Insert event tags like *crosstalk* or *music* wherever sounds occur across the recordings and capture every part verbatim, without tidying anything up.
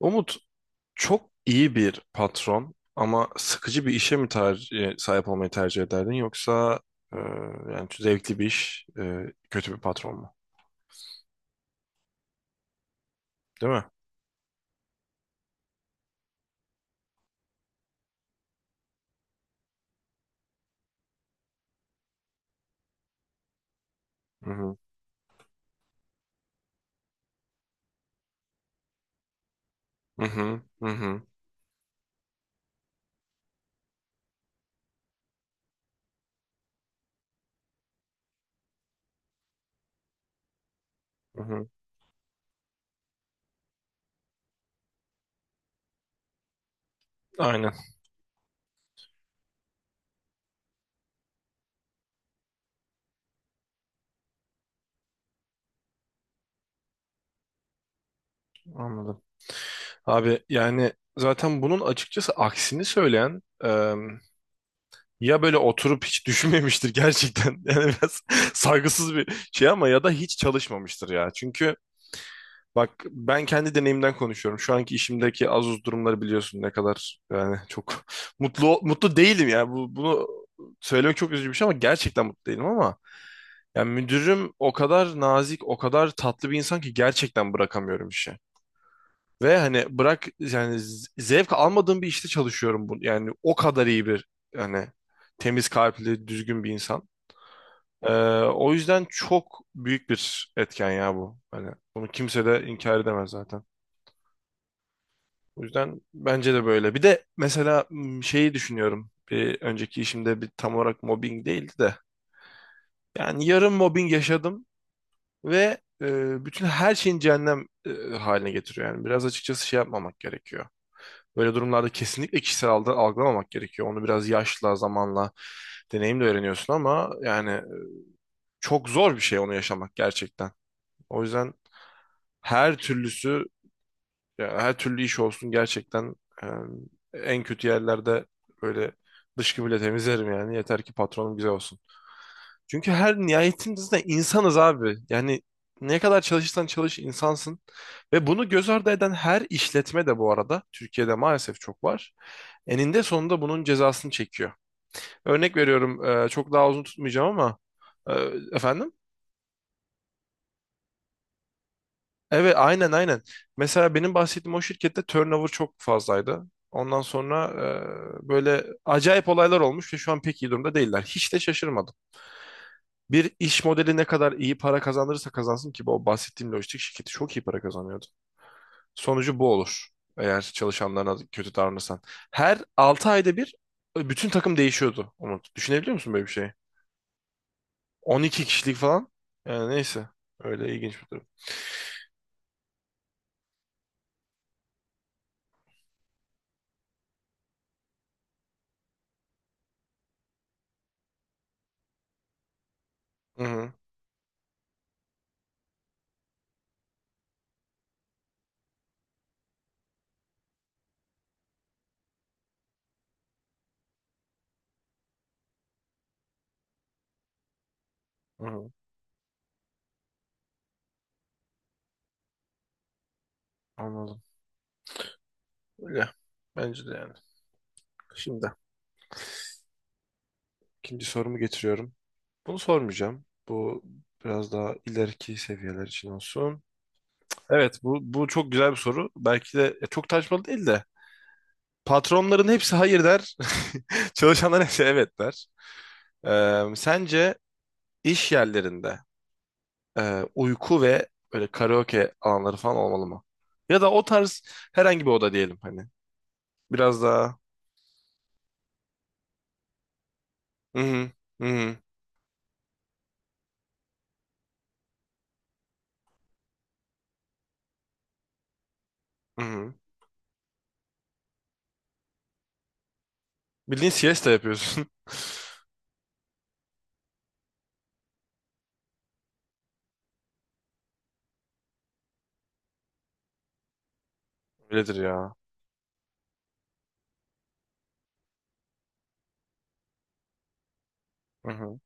Umut çok iyi bir patron ama sıkıcı bir işe mi tercih, sahip olmayı tercih ederdin yoksa e, yani zevkli bir iş e, kötü bir patron mu? Değil mi? Hı hı. Hı hı. Hı hı. Hı hı. Aynen. Anladım. Abi yani zaten bunun açıkçası aksini söyleyen. Ya böyle oturup hiç düşünmemiştir gerçekten. *laughs* Yani biraz saygısız bir şey ama ya da hiç çalışmamıştır ya. Çünkü bak ben kendi deneyimden konuşuyorum. Şu anki işimdeki az uz durumları biliyorsun ne kadar yani çok *laughs* mutlu mutlu değilim ya. Bu, bunu söylemek çok üzücü bir şey ama gerçekten mutlu değilim ama yani müdürüm o kadar nazik, o kadar tatlı bir insan ki gerçekten bırakamıyorum işi. Ve hani bırak yani z- zevk almadığım bir işte çalışıyorum bu. Yani o kadar iyi bir yani temiz kalpli, düzgün bir insan. Ee, O yüzden çok büyük bir etken ya bu. Hani bunu kimse de inkar edemez zaten. O yüzden bence de böyle. Bir de mesela m, şeyi düşünüyorum. Bir önceki işimde bir tam olarak mobbing değildi de. Yani yarım mobbing yaşadım ve e, bütün her şeyin cehennem e, haline getiriyor. Yani biraz açıkçası şey yapmamak gerekiyor. Böyle durumlarda kesinlikle kişisel algı- algılamamak gerekiyor. Onu biraz yaşla, zamanla, deneyimle öğreniyorsun ama yani e, çok zor bir şey onu yaşamak gerçekten. O yüzden her türlüsü yani her türlü iş olsun gerçekten e, en kötü yerlerde böyle dışkı bile temizlerim yani yeter ki patronum güzel olsun. Çünkü her nihayetinde insanız abi. Yani ne kadar çalışırsan çalış insansın. Ve bunu göz ardı eden her işletme de bu arada Türkiye'de maalesef çok var. Eninde sonunda bunun cezasını çekiyor. Örnek veriyorum e, çok daha uzun tutmayacağım ama e, efendim? Evet, aynen aynen. Mesela benim bahsettiğim o şirkette turnover çok fazlaydı. Ondan sonra e, böyle acayip olaylar olmuş ve şu an pek iyi durumda değiller. Hiç de şaşırmadım. Bir iş modeli ne kadar iyi para kazandırırsa kazansın ki bu bahsettiğim lojistik şirketi çok iyi para kazanıyordu. Sonucu bu olur eğer çalışanlarına kötü davranırsan. Her altı ayda bir e, bütün takım değişiyordu Umut. Düşünebiliyor musun böyle bir şeyi? On iki kişilik falan. Yani neyse öyle ilginç bir durum. Hı hı, hı hı. Anladım. Öyle. Bence de yani. Şimdi ikinci sorumu getiriyorum. Bunu sormayacağım. Bu biraz daha ileriki seviyeler için olsun. Evet, bu, bu çok güzel bir soru. Belki de e, çok tartışmalı değil de. Patronların hepsi hayır der. *laughs* Çalışanların hepsi evet der. Ee, sence iş yerlerinde e, uyku ve böyle karaoke alanları falan olmalı mı? Ya da o tarz herhangi bir oda diyelim hani. Biraz daha. Hı hı, hı hı, hı hı. Bildiğin siesta yapıyorsun. *laughs* Öyledir ya. Hı hı.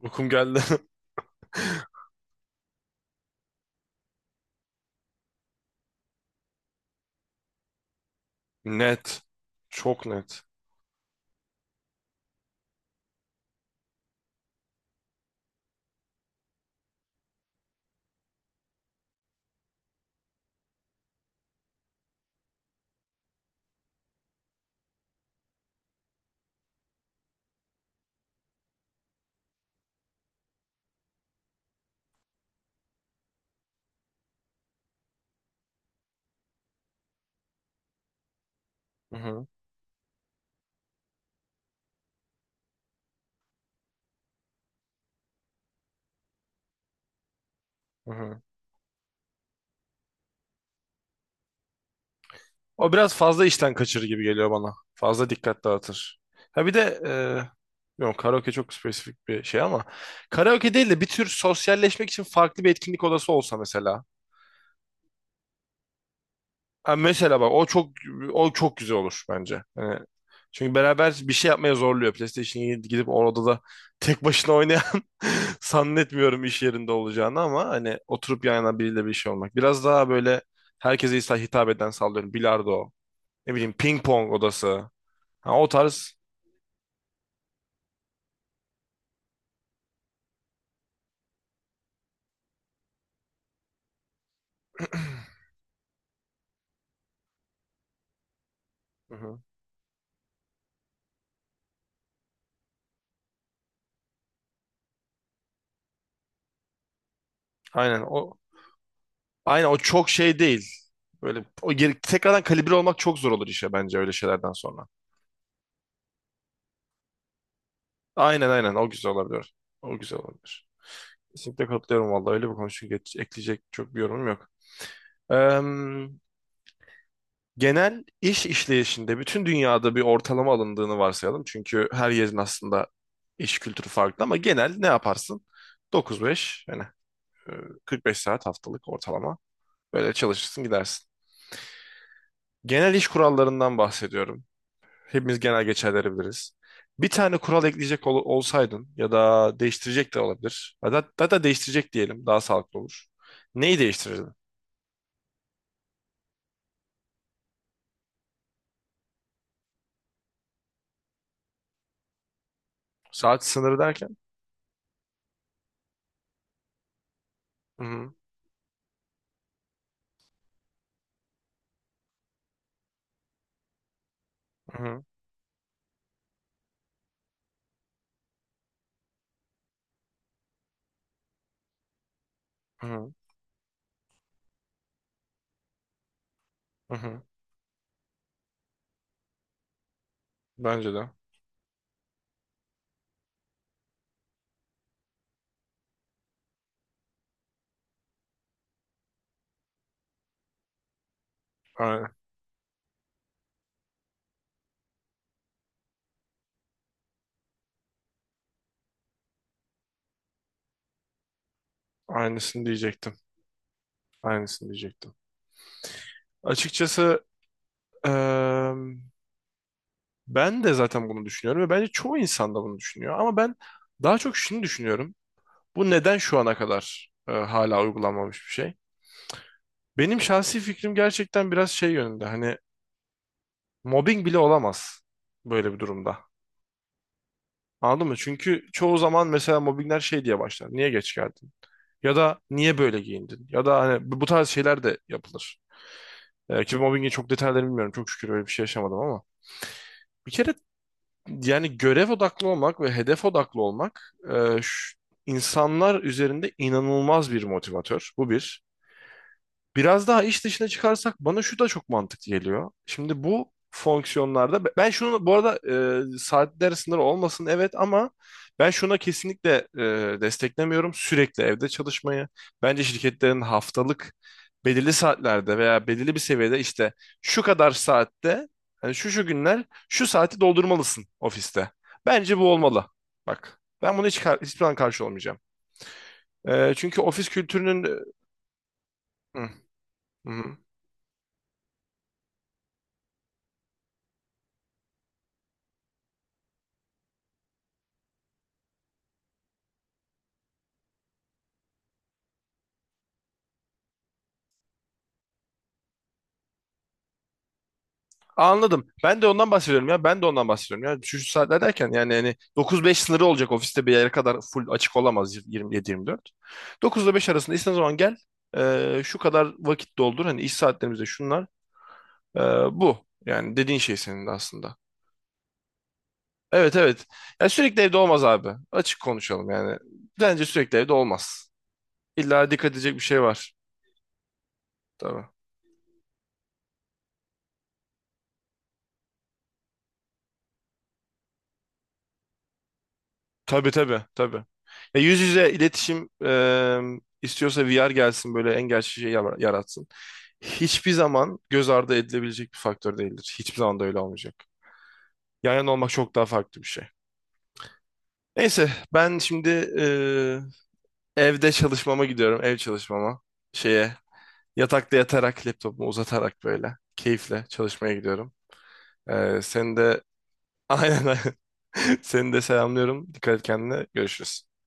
Uykum geldi. *laughs* Net. Çok net. Hı hı. Hı hı. O biraz fazla işten kaçırır gibi geliyor bana. Fazla dikkat dağıtır. Ha bir de e, yok, karaoke çok spesifik bir şey ama karaoke değil de bir tür sosyalleşmek için farklı bir etkinlik odası olsa mesela. Ha, mesela bak o çok, o çok güzel olur bence. Hani çünkü beraber bir şey yapmaya zorluyor. PlayStation'a gidip orada da tek başına oynayan *laughs* zannetmiyorum iş yerinde olacağını ama hani oturup yan yana biriyle bir şey olmak. Biraz daha böyle herkese his- hitap eden, sallıyorum. Bilardo, ne bileyim ping pong odası. Ha, o tarz. *clears throat* Hı hı. Aynen o aynen o çok şey değil. Böyle o geri, tekrardan kalibre olmak çok zor olur işe bence öyle şeylerden sonra. Aynen aynen, o güzel olabilir. O güzel olabilir. Kesinlikle katılıyorum vallahi, öyle bir konu çünkü geç- ekleyecek çok bir yorumum yok. Eee, Genel iş işleyişinde bütün dünyada bir ortalama alındığını varsayalım. Çünkü her yerin aslında iş kültürü farklı ama genel ne yaparsın? dokuz beş yani eee, kırk beş saat haftalık ortalama böyle çalışırsın gidersin. Genel iş kurallarından bahsediyorum. Hepimiz genel geçerleri biliriz. Bir tane kural ekleyecek ol- olsaydın ya da değiştirecek de olabilir. Hatta, hatta değiştirecek diyelim, daha sağlıklı olur. Neyi değiştirirdin? Saat sınırı derken? Hı hı, hı hı, hı hı. Bence de. Aynen. Aynısını diyecektim. Aynısını diyecektim. Açıkçası eee, ben de zaten bunu düşünüyorum ve bence çoğu insan da bunu düşünüyor. Ama ben daha çok şunu düşünüyorum. Bu neden şu ana kadar eee, hala uygulanmamış bir şey? Benim şahsi fikrim gerçekten biraz şey yönünde. Hani mobbing bile olamaz böyle bir durumda. Anladın mı? Çünkü çoğu zaman mesela mobbingler şey diye başlar. Niye geç geldin? Ya da niye böyle giyindin? Ya da hani bu bu tarz şeyler de yapılır. Ee, ki mobbingin çok detaylarını bilmiyorum. Çok şükür öyle bir şey yaşamadım ama. Bir kere yani görev odaklı olmak ve hedef odaklı olmak e, şu- insanlar üzerinde inanılmaz bir motivatör. Bu bir. Biraz daha iş dışına çıkarsak bana şu da çok mantıklı geliyor. Şimdi bu fonksiyonlarda ben şunu bu arada e, saatler sınırı olmasın evet ama ben şuna kesinlikle e, desteklemiyorum sürekli evde çalışmayı. Bence şirketlerin haftalık belirli saatlerde veya belirli bir seviyede işte şu kadar saatte yani şu şu günler şu saati doldurmalısın ofiste. Bence bu olmalı. Bak ben bunu hiç kar- hiçbir zaman karşı olmayacağım. E, çünkü ofis kültürünün e, hı, hı. Anladım. Ben de ondan bahsediyorum ya. Ben de ondan bahsediyorum ya. Şu şu saatler derken yani hani dokuz beş sınırı olacak ofiste, bir yere kadar full açık olamaz yirmi yedi yirmi dört. dokuz ile beş arasında istediğin zaman gel. Ee, şu kadar vakit doldur. Hani iş saatlerimizde şunlar. Ee, Bu. Yani dediğin şey senin de aslında. Evet evet. Ya sürekli evde olmaz abi. Açık konuşalım yani. Bence sürekli evde olmaz. İlla dikkat edecek bir şey var. Tabii. Tabii tabii tabii. Ya yüz yüze iletişim e, istiyorsa V R gelsin, böyle en gerçek şeyi yara- yaratsın. Hiçbir zaman göz ardı edilebilecek bir faktör değildir. Hiçbir zaman da öyle olmayacak. Yan yana olmak çok daha farklı bir şey. Neyse ben şimdi e, evde çalışmama gidiyorum. Ev çalışmama. Şeye, yatakta yatarak laptopumu uzatarak böyle keyifle çalışmaya gidiyorum. E, seni de *laughs* aynen aynen. Seni de selamlıyorum. Dikkat et kendine. Görüşürüz.